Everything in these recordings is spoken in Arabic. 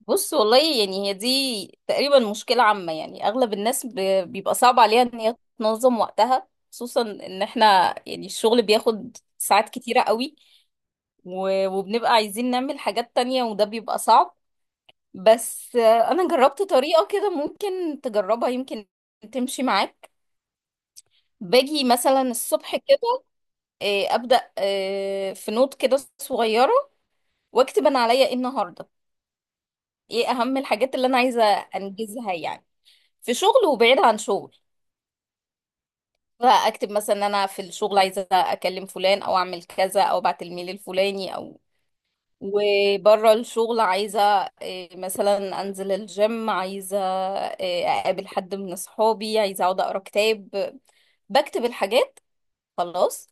بص والله يعني هي دي تقريبا مشكلة عامة، يعني أغلب الناس بيبقى صعب عليها إن هي تنظم وقتها، خصوصا إن إحنا يعني الشغل بياخد ساعات كتيرة قوي وبنبقى عايزين نعمل حاجات تانية وده بيبقى صعب. بس أنا جربت طريقة كده ممكن تجربها، يمكن تمشي معاك. باجي مثلا الصبح كده أبدأ في نوت كده صغيرة وأكتب أنا عليا إيه النهاردة، إيه أهم الحاجات اللي أنا عايزة أنجزها يعني، في شغل وبعيد عن شغل. اكتب مثلا ان انا في الشغل عايزه اكلم فلان او اعمل كذا او ابعت الميل الفلاني او وبره الشغل عايزه مثلا انزل الجيم، عايزه اقابل حد من اصحابي، عايزه اقعد اقرا كتاب. بكتب الحاجات خلاص،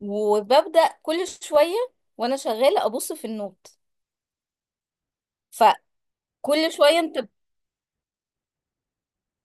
وببدا كل شويه وانا شغاله ابص في النوت. فكل شويه انت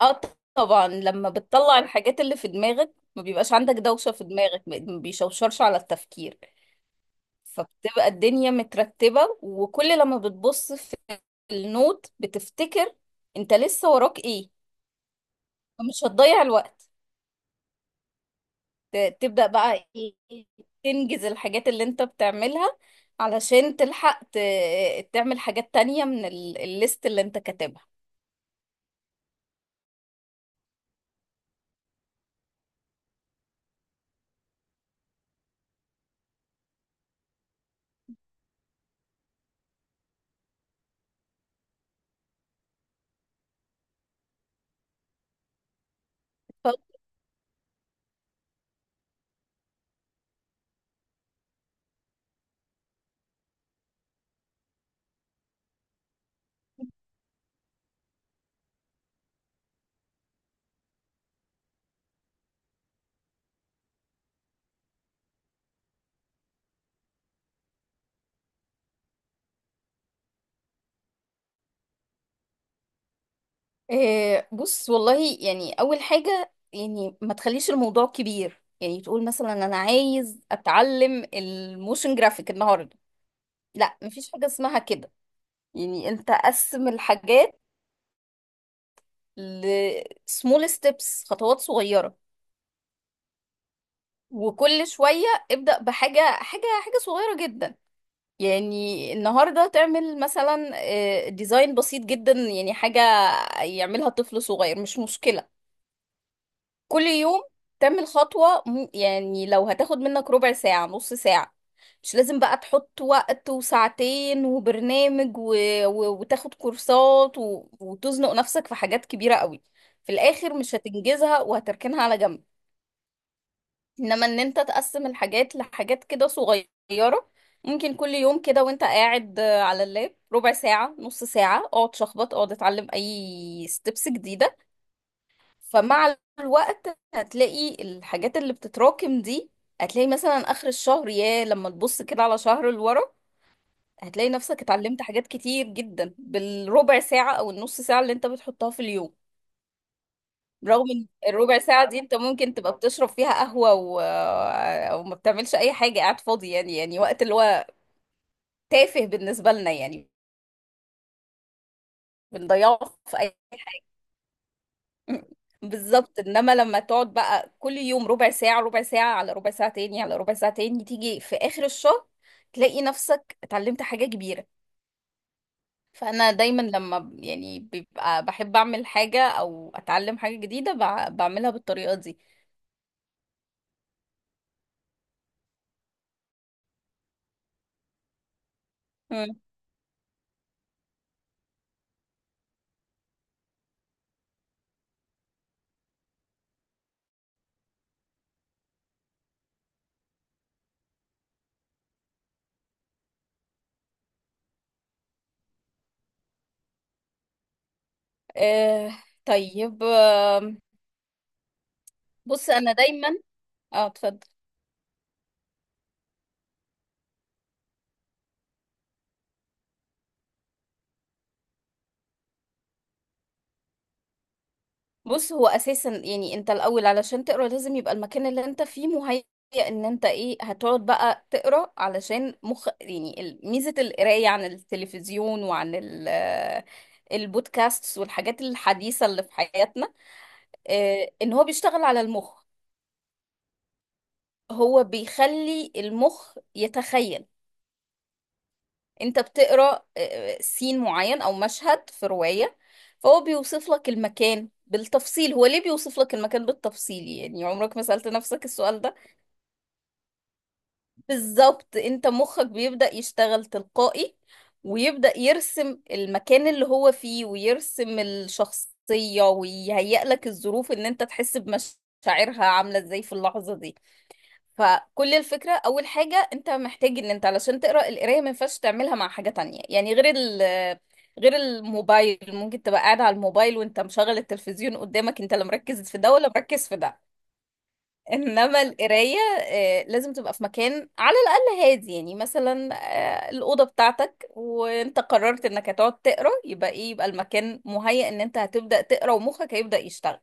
اه طبعا لما بتطلع الحاجات اللي في دماغك ما بيبقاش عندك دوشه في دماغك، ما بيشوشرش على التفكير. فبتبقى الدنيا مترتبة، وكل لما بتبص في النوت بتفتكر انت لسه وراك ايه، فمش هتضيع الوقت. تبدأ بقى ايه، تنجز الحاجات اللي انت بتعملها علشان تلحق تعمل حاجات تانية من الليست اللي انت كاتبها. ف- بص والله يعني اول حاجة يعني ما تخليش الموضوع كبير، يعني تقول مثلا انا عايز اتعلم الموشن جرافيك النهارده. لا، مفيش حاجة اسمها كده. يعني انت قسم الحاجات ل small steps، خطوات صغيرة، وكل شوية ابدأ بحاجة حاجة حاجة صغيرة جدا. يعني النهاردة تعمل مثلا ديزاين بسيط جدا، يعني حاجة يعملها طفل صغير مش مشكلة. كل يوم تعمل خطوة يعني لو هتاخد منك ربع ساعة نص ساعة. مش لازم بقى تحط وقت وساعتين وبرنامج وتاخد كورسات وتزنق نفسك في حاجات كبيرة قوي، في الآخر مش هتنجزها وهتركنها على جنب. إنما إن أنت تقسم الحاجات لحاجات كده صغيرة، ممكن كل يوم كده وانت قاعد على اللاب ربع ساعة نص ساعة، اقعد شخبط اقعد اتعلم اي ستيبس جديدة. فمع الوقت هتلاقي الحاجات اللي بتتراكم دي، هتلاقي مثلا آخر الشهر يا لما تبص كده على شهر لورا، هتلاقي نفسك اتعلمت حاجات كتير جدا بالربع ساعة أو النص ساعة اللي انت بتحطها في اليوم. رغم ان الربع ساعة دي انت ممكن تبقى بتشرب فيها قهوة او ما بتعملش اي حاجة، قاعد فاضي يعني، يعني وقت اللي هو تافه بالنسبة لنا يعني، بنضيعه في بالظبط. انما لما تقعد بقى كل يوم ربع ساعة ربع ساعة على ربع ساعة تاني على ربع ساعة تاني، تيجي في آخر الشهر تلاقي نفسك اتعلمت حاجة كبيرة. فأنا دايما لما يعني بيبقى بحب أعمل حاجة أو أتعلم حاجة جديدة، بعملها بالطريقة دي. مم. آه طيب. آم، بص أنا دايما. اه اتفضل. بص هو اساسا يعني انت الاول علشان تقرا لازم يبقى المكان اللي انت فيه مهيئ ان انت ايه هتقعد بقى تقرا، علشان مخ يعني ميزه القرايه عن التلفزيون وعن ال البودكاست والحاجات الحديثه اللي في حياتنا، ان هو بيشتغل على المخ. هو بيخلي المخ يتخيل. انت بتقرا سين معين او مشهد في رواية، فهو بيوصف لك المكان بالتفصيل. هو ليه بيوصف لك المكان بالتفصيل؟ يعني عمرك ما سألت نفسك السؤال ده؟ بالظبط، انت مخك بيبدأ يشتغل تلقائي، ويبدأ يرسم المكان اللي هو فيه ويرسم الشخصية ويهيئ لك الظروف ان انت تحس بمشاعرها عاملة ازاي في اللحظة دي. فكل الفكرة، أول حاجة أنت محتاج إن أنت علشان تقرأ القراية ما ينفعش تعملها مع حاجة تانية، يعني غير ال غير الموبايل ممكن تبقى قاعد على الموبايل وأنت مشغل التلفزيون قدامك، أنت لا مركز في ده ولا مركز في ده. إنما القراية لازم تبقى في مكان على الأقل هادي، يعني مثلا الأوضة بتاعتك وأنت قررت إنك هتقعد تقرأ، يبقى إيه؟ يبقى المكان مهيأ إن أنت هتبدأ تقرأ ومخك هيبدأ يشتغل.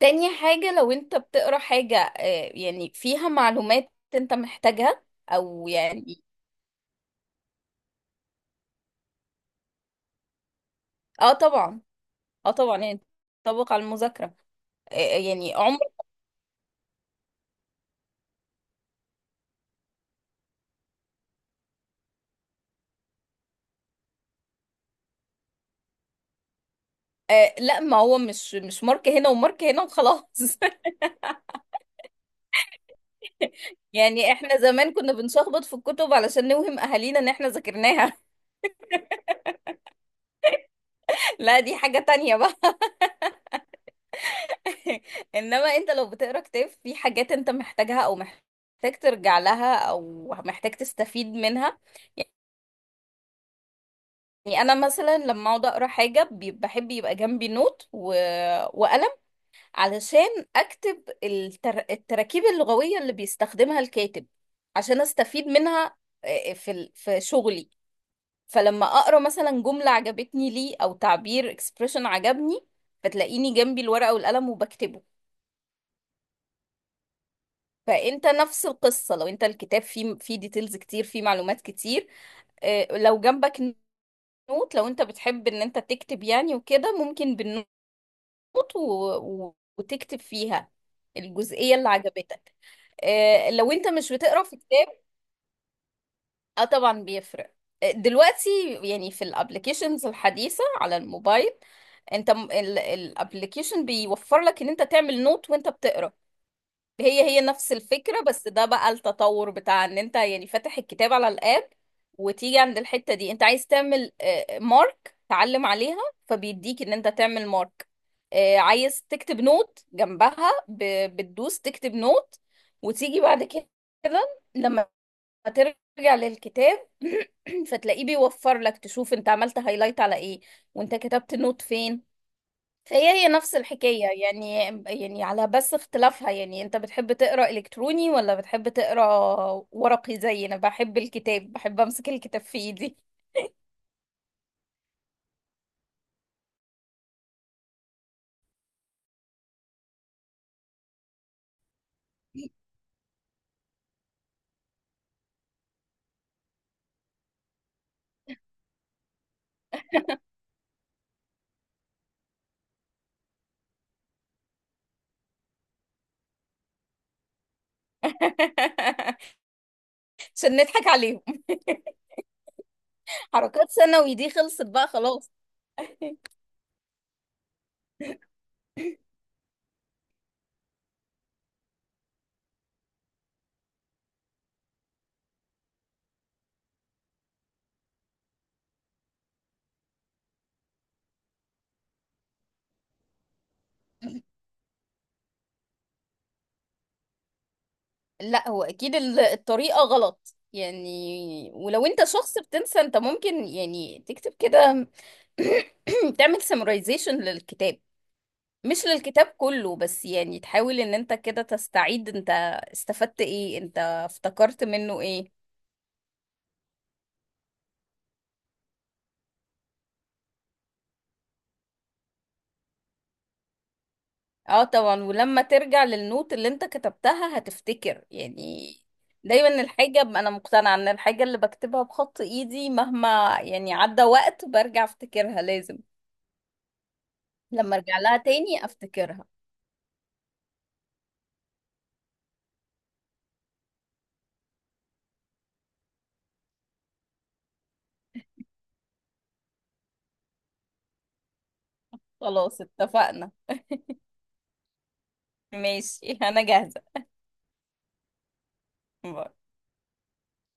تاني حاجة، لو انت بتقرا حاجة يعني فيها معلومات انت محتاجها او يعني اه طبعا، اه طبعا يعني تطبق على المذاكرة. يعني عمر لا، ما هو مش مارك هنا ومارك هنا وخلاص. يعني احنا زمان كنا بنشخبط في الكتب علشان نوهم اهالينا ان احنا ذاكرناها. لا دي حاجة تانية بقى. انما انت لو بتقرا كتاب في حاجات انت محتاجها او محتاج ترجع لها او محتاج تستفيد منها، يعني انا مثلا لما اقعد اقرا حاجه بحب يبقى جنبي نوت وقلم، علشان اكتب التراكيب اللغويه اللي بيستخدمها الكاتب، عشان استفيد منها في في شغلي. فلما اقرا مثلا جمله عجبتني ليه او تعبير اكسبريشن عجبني، فتلاقيني جنبي الورقه والقلم وبكتبه. فانت نفس القصه، لو انت الكتاب فيه ديتيلز كتير فيه معلومات كتير، لو جنبك نوت، لو انت بتحب ان انت تكتب يعني وكده، ممكن بالنوت وت- و... وتكتب فيها الجزئية اللي عجبتك لو انت مش بتقرا في كتاب. اه طبعا بيفرق. دلوقتي يعني في الابليكيشنز الحديثة على الموبايل، انت الابليكيشن بيوفر لك ان انت تعمل نوت وانت بتقرا. هي هي نفس الفكرة، بس ده بقى التطور بتاع ان انت يعني فاتح الكتاب على الاب وتيجي عند الحتة دي انت عايز تعمل مارك، تعلم عليها، فبيديك ان انت تعمل مارك. عايز تكتب نوت جنبها، بتدوس تكتب نوت، وتيجي بعد كده لما ترجع للكتاب فتلاقيه بيوفر لك تشوف انت عملت هايلايت على ايه وانت كتبت نوت فين. هي هي نفس الحكاية يعني، يعني على بس اختلافها، يعني انت بتحب تقرا الكتروني ولا بتحب تقرا ورقي. زي انا بحب الكتاب، بحب امسك الكتاب في ايدي. عشان نضحك عليهم. حركات ثانوي دي خلصت بقى خلاص. لا هو اكيد الطريقة غلط يعني، ولو انت شخص بتنسى انت ممكن يعني تكتب كده تعمل سمرايزيشن للكتاب. مش للكتاب كله، بس يعني تحاول ان انت كده تستعيد انت استفدت ايه، انت افتكرت منه ايه. اه طبعا، ولما ترجع للنوت اللي انت كتبتها هتفتكر يعني. دايما الحاجة، انا مقتنعة ان الحاجة اللي بكتبها بخط ايدي مهما يعني عدى وقت برجع افتكرها، لازم لما ارجع لها تاني افتكرها. خلاص اتفقنا. ماشي انا جاهزة. باي.